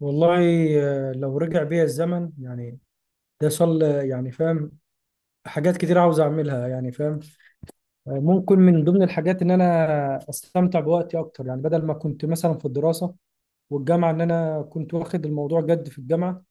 والله. لو رجع بيا الزمن يعني، ده صل يعني فاهم. حاجات كتير عاوز اعملها يعني فاهم. ممكن من ضمن الحاجات ان انا استمتع بوقتي اكتر، يعني بدل ما كنت مثلا في الدراسة والجامعة ان انا كنت واخد الموضوع جد في الجامعة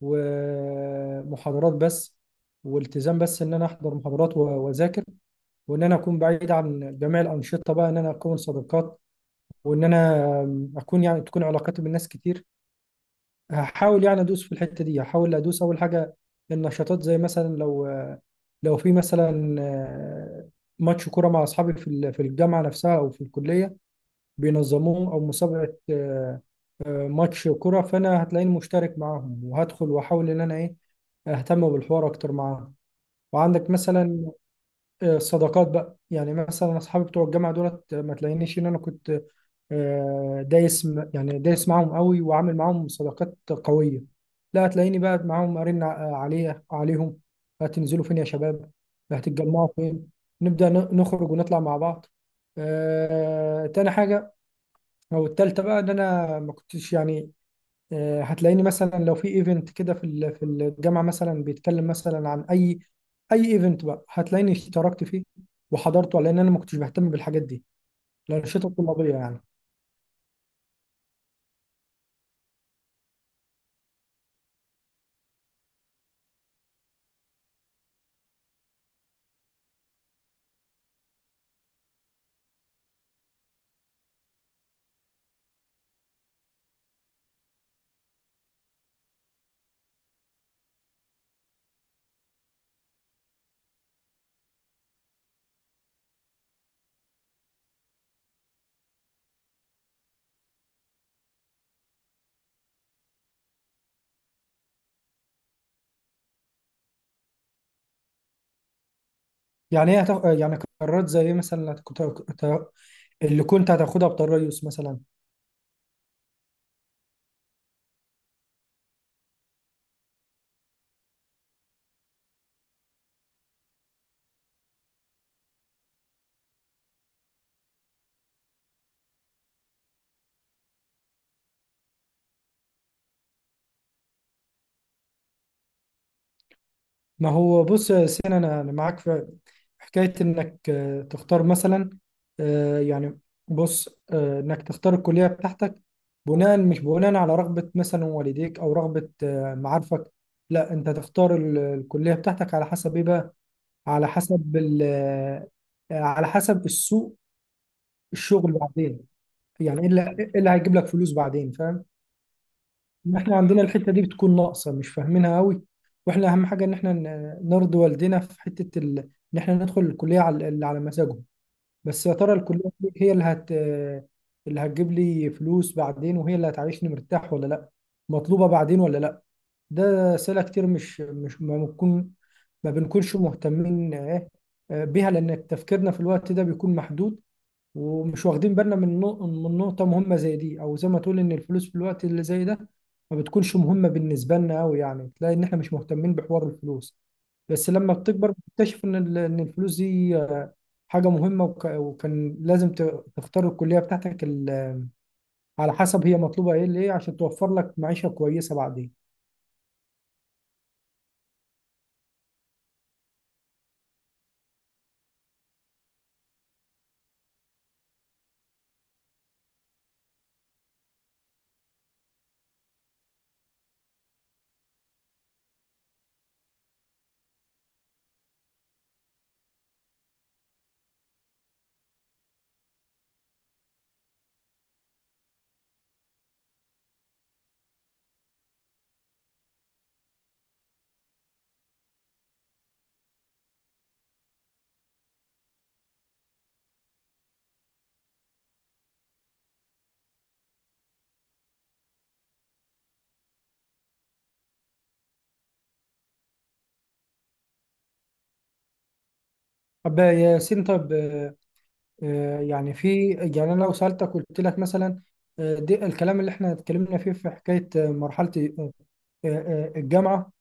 ومحاضرات بس، والتزام بس ان انا احضر محاضرات واذاكر، وان انا اكون بعيد عن جميع الانشطة، بقى ان انا اكون صداقات، وان انا اكون يعني تكون علاقاتي بالناس كتير. هحاول يعني ادوس في الحته دي، هحاول ادوس اول حاجه النشاطات، زي مثلا لو لو في مثلا ماتش كوره مع اصحابي في الجامعه نفسها او في الكليه بينظموه، او مسابقه ماتش كوره، فانا هتلاقيني مشترك معاهم وهدخل واحاول ان انا ايه اهتم بالحوار اكتر معاهم. وعندك مثلا الصداقات بقى، يعني مثلا اصحابي بتوع الجامعه دولت، ما تلاقينيش ان انا كنت دايس يعني دايس معاهم قوي وعامل معاهم صداقات قوية. لا، هتلاقيني بقى معاهم أرن عليه عليهم، هتنزلوا فين يا شباب؟ هتتجمعوا فين؟ نبدأ نخرج ونطلع مع بعض. تاني حاجة، أو التالتة بقى، إن أنا ما كنتش يعني هتلاقيني مثلا لو في ايفنت كده في الجامعة، مثلا بيتكلم مثلا عن أي أي ايفنت، بقى هتلاقيني اشتركت فيه وحضرته، لأن أنا ما كنتش بهتم بالحاجات دي، الأنشطة الطلابية يعني. يعني ايه هتاخ... آه، يعني قرارات زي ايه مثلا؟ اللي كنت هتاخدها بطريقه مثلا. ما هو بص يا سين، أنا معاك في حكايه انك تختار مثلا آه، يعني بص آه، انك تختار الكليه بتاعتك بناء، مش بناء على رغبه مثلا والديك، او رغبه معارفك. لا، انت تختار الكليه بتاعتك على حسب ايه بقى؟ على حسب ال... آه، على حسب السوق، الشغل بعدين، يعني ايه إيه اللي هيجيب لك فلوس بعدين؟ فاهم؟ إن احنا عندنا الحته دي بتكون ناقصه، مش فاهمينها قوي. واحنا اهم حاجه ان احنا نرضي والدينا في حته ان احنا ندخل الكليه على اللي على مزاجهم. بس يا ترى الكليه دي هي اللي هتجيب لي فلوس بعدين، وهي اللي هتعيشني مرتاح ولا لا؟ مطلوبه بعدين ولا لا؟ ده اسئله كتير، مش ما بنكونش مهتمين بيها، لان تفكيرنا في الوقت ده بيكون محدود، ومش واخدين بالنا من نقطة مهمة زي دي. أو زي ما تقول إن الفلوس في الوقت اللي زي ده ما بتكونش مهمة بالنسبة لنا أوي، يعني تلاقي إن إحنا مش مهتمين بحوار الفلوس. بس لما بتكبر بتكتشف إن إن الفلوس دي حاجة مهمة، وكان لازم تختار الكلية بتاعتك على حسب هي مطلوبة إيه لإيه، عشان توفر لك معيشة كويسة بعدين. طب يا ياسين، طب آه، آه، يعني في يعني انا لو سالتك، قلت لك مثلا دي الكلام اللي احنا اتكلمنا فيه في حكايه مرحله آه، الجامعه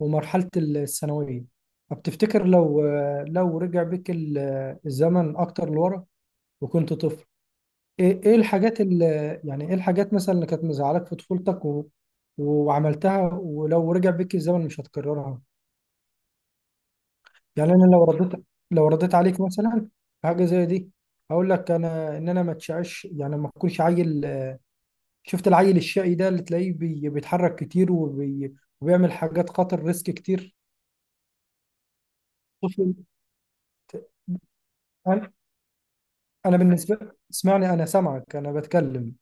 ومرحله الثانويه. طب تفتكر لو لو رجع بيك الزمن اكتر لورا وكنت طفل، ايه الحاجات اللي يعني، ايه الحاجات مثلا اللي كانت مزعلك في طفولتك وعملتها، ولو رجع بيك الزمن مش هتكررها؟ يعني انا لو رديت، عليك مثلا في حاجه زي دي، هقول لك انا ان انا ما تشعش، يعني ما اكونش عيل. شفت العيل الشقي ده اللي تلاقيه بيتحرك كتير وبيعمل حاجات خطر ريسك كتير، طفل. انا، أنا بالنسبه اسمعني، انا سامعك، انا بتكلم.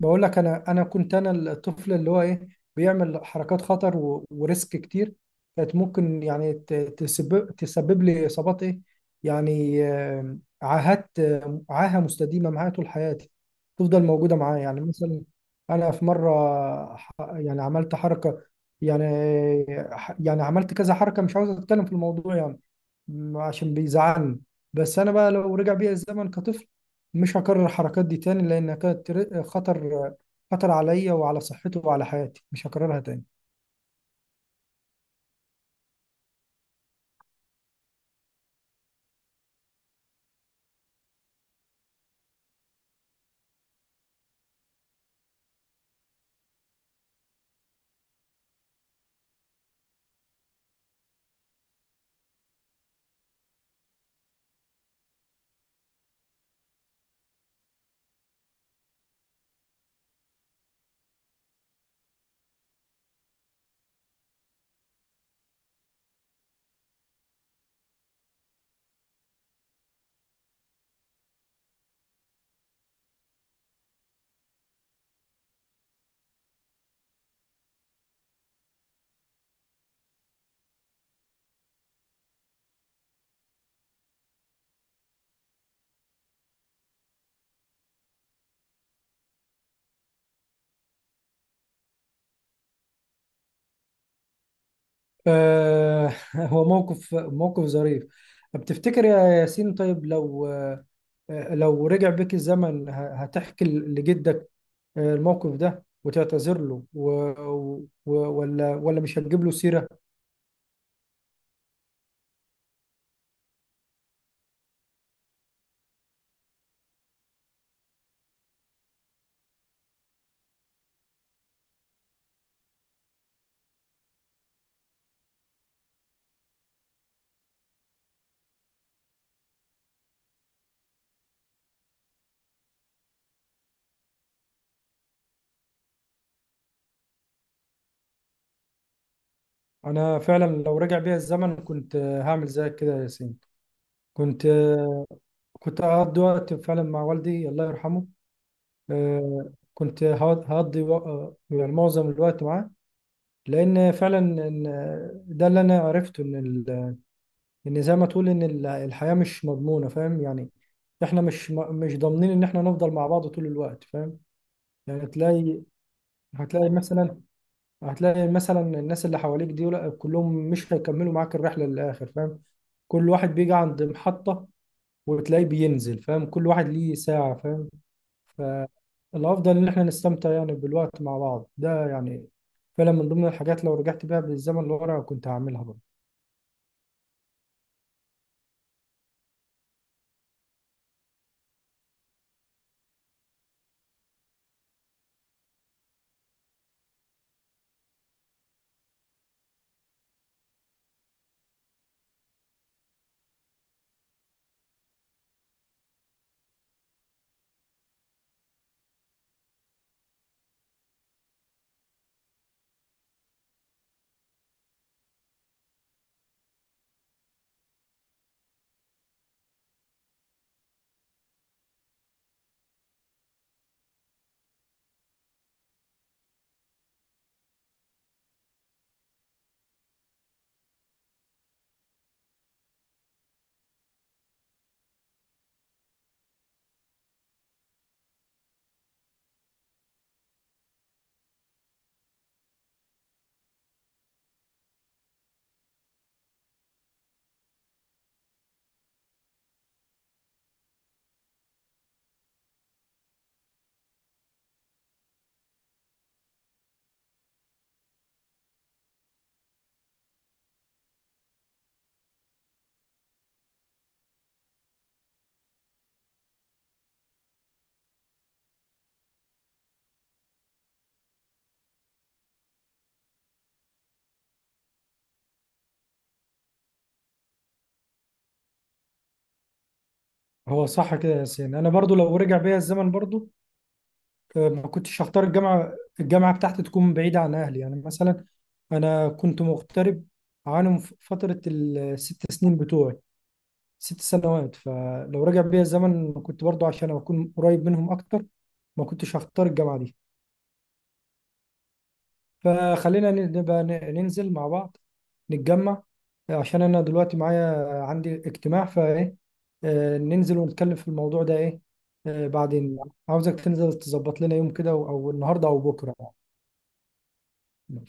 بقول لك انا، انا كنت الطفل اللي هو ايه بيعمل حركات خطر وريسك كتير، كانت ممكن يعني تسبب، تسبب لي اصابات ايه يعني عاهات، عاهه مستديمه معايا طول حياتي، تفضل موجوده معايا. يعني مثلا انا في مره يعني عملت حركه يعني يعني عملت كذا حركه. مش عاوز اتكلم في الموضوع يعني عشان بيزعلني. بس انا بقى لو رجع بيا الزمن كطفل مش هكرر الحركات دي تاني، لانها كانت خطر، خطر عليا وعلى صحتي وعلى حياتي، مش هكررها تاني. آه هو موقف ظريف. طب تفتكر يا ياسين، طيب لو لو رجع بيك الزمن، هتحكي لجدك الموقف ده وتعتذر له ولا، مش هتجيب له سيرة؟ انا فعلا لو رجع بيا الزمن كنت هعمل زيك كده يا ياسين. كنت كنت أقضي وقت فعلا مع والدي، الله يرحمه. كنت هقضي يعني معظم الوقت معاه، لأن فعلا إن ده اللي أنا عرفته، إن إن زي ما تقول إن الحياة مش مضمونة فاهم يعني. إحنا مش مش ضامنين إن إحنا نفضل مع بعض طول الوقت فاهم. يعني تلاقي، هتلاقي مثلا، هتلاقي مثلا الناس اللي حواليك دي، لا، كلهم مش هيكملوا معاك الرحلة للآخر فاهم. كل واحد بيجي عند محطة وتلاقيه بينزل فاهم، كل واحد ليه ساعة فاهم. فالأفضل إن إحنا نستمتع يعني بالوقت مع بعض ده، يعني فعلا من ضمن الحاجات لو رجعت بيها بالزمن لورا كنت هعملها برضه. هو صح كده يا ياسين، أنا برضه لو رجع بيا الزمن برضه ما كنتش هختار الجامعة. الجامعة بتاعتي تكون بعيدة عن أهلي، يعني مثلا أنا كنت مغترب عنهم في فترة ال6 سنين بتوعي، 6 سنوات. فلو رجع بيا الزمن كنت برضه، عشان أكون قريب منهم أكتر، ما كنتش هختار الجامعة دي. فخلينا نبقى ننزل مع بعض، نتجمع، عشان انا دلوقتي معايا، عندي اجتماع فايه. ننزل ونتكلم في الموضوع ده ايه بعدين. عاوزك تنزل تظبط لنا يوم كده، او النهارده او بكره يعني.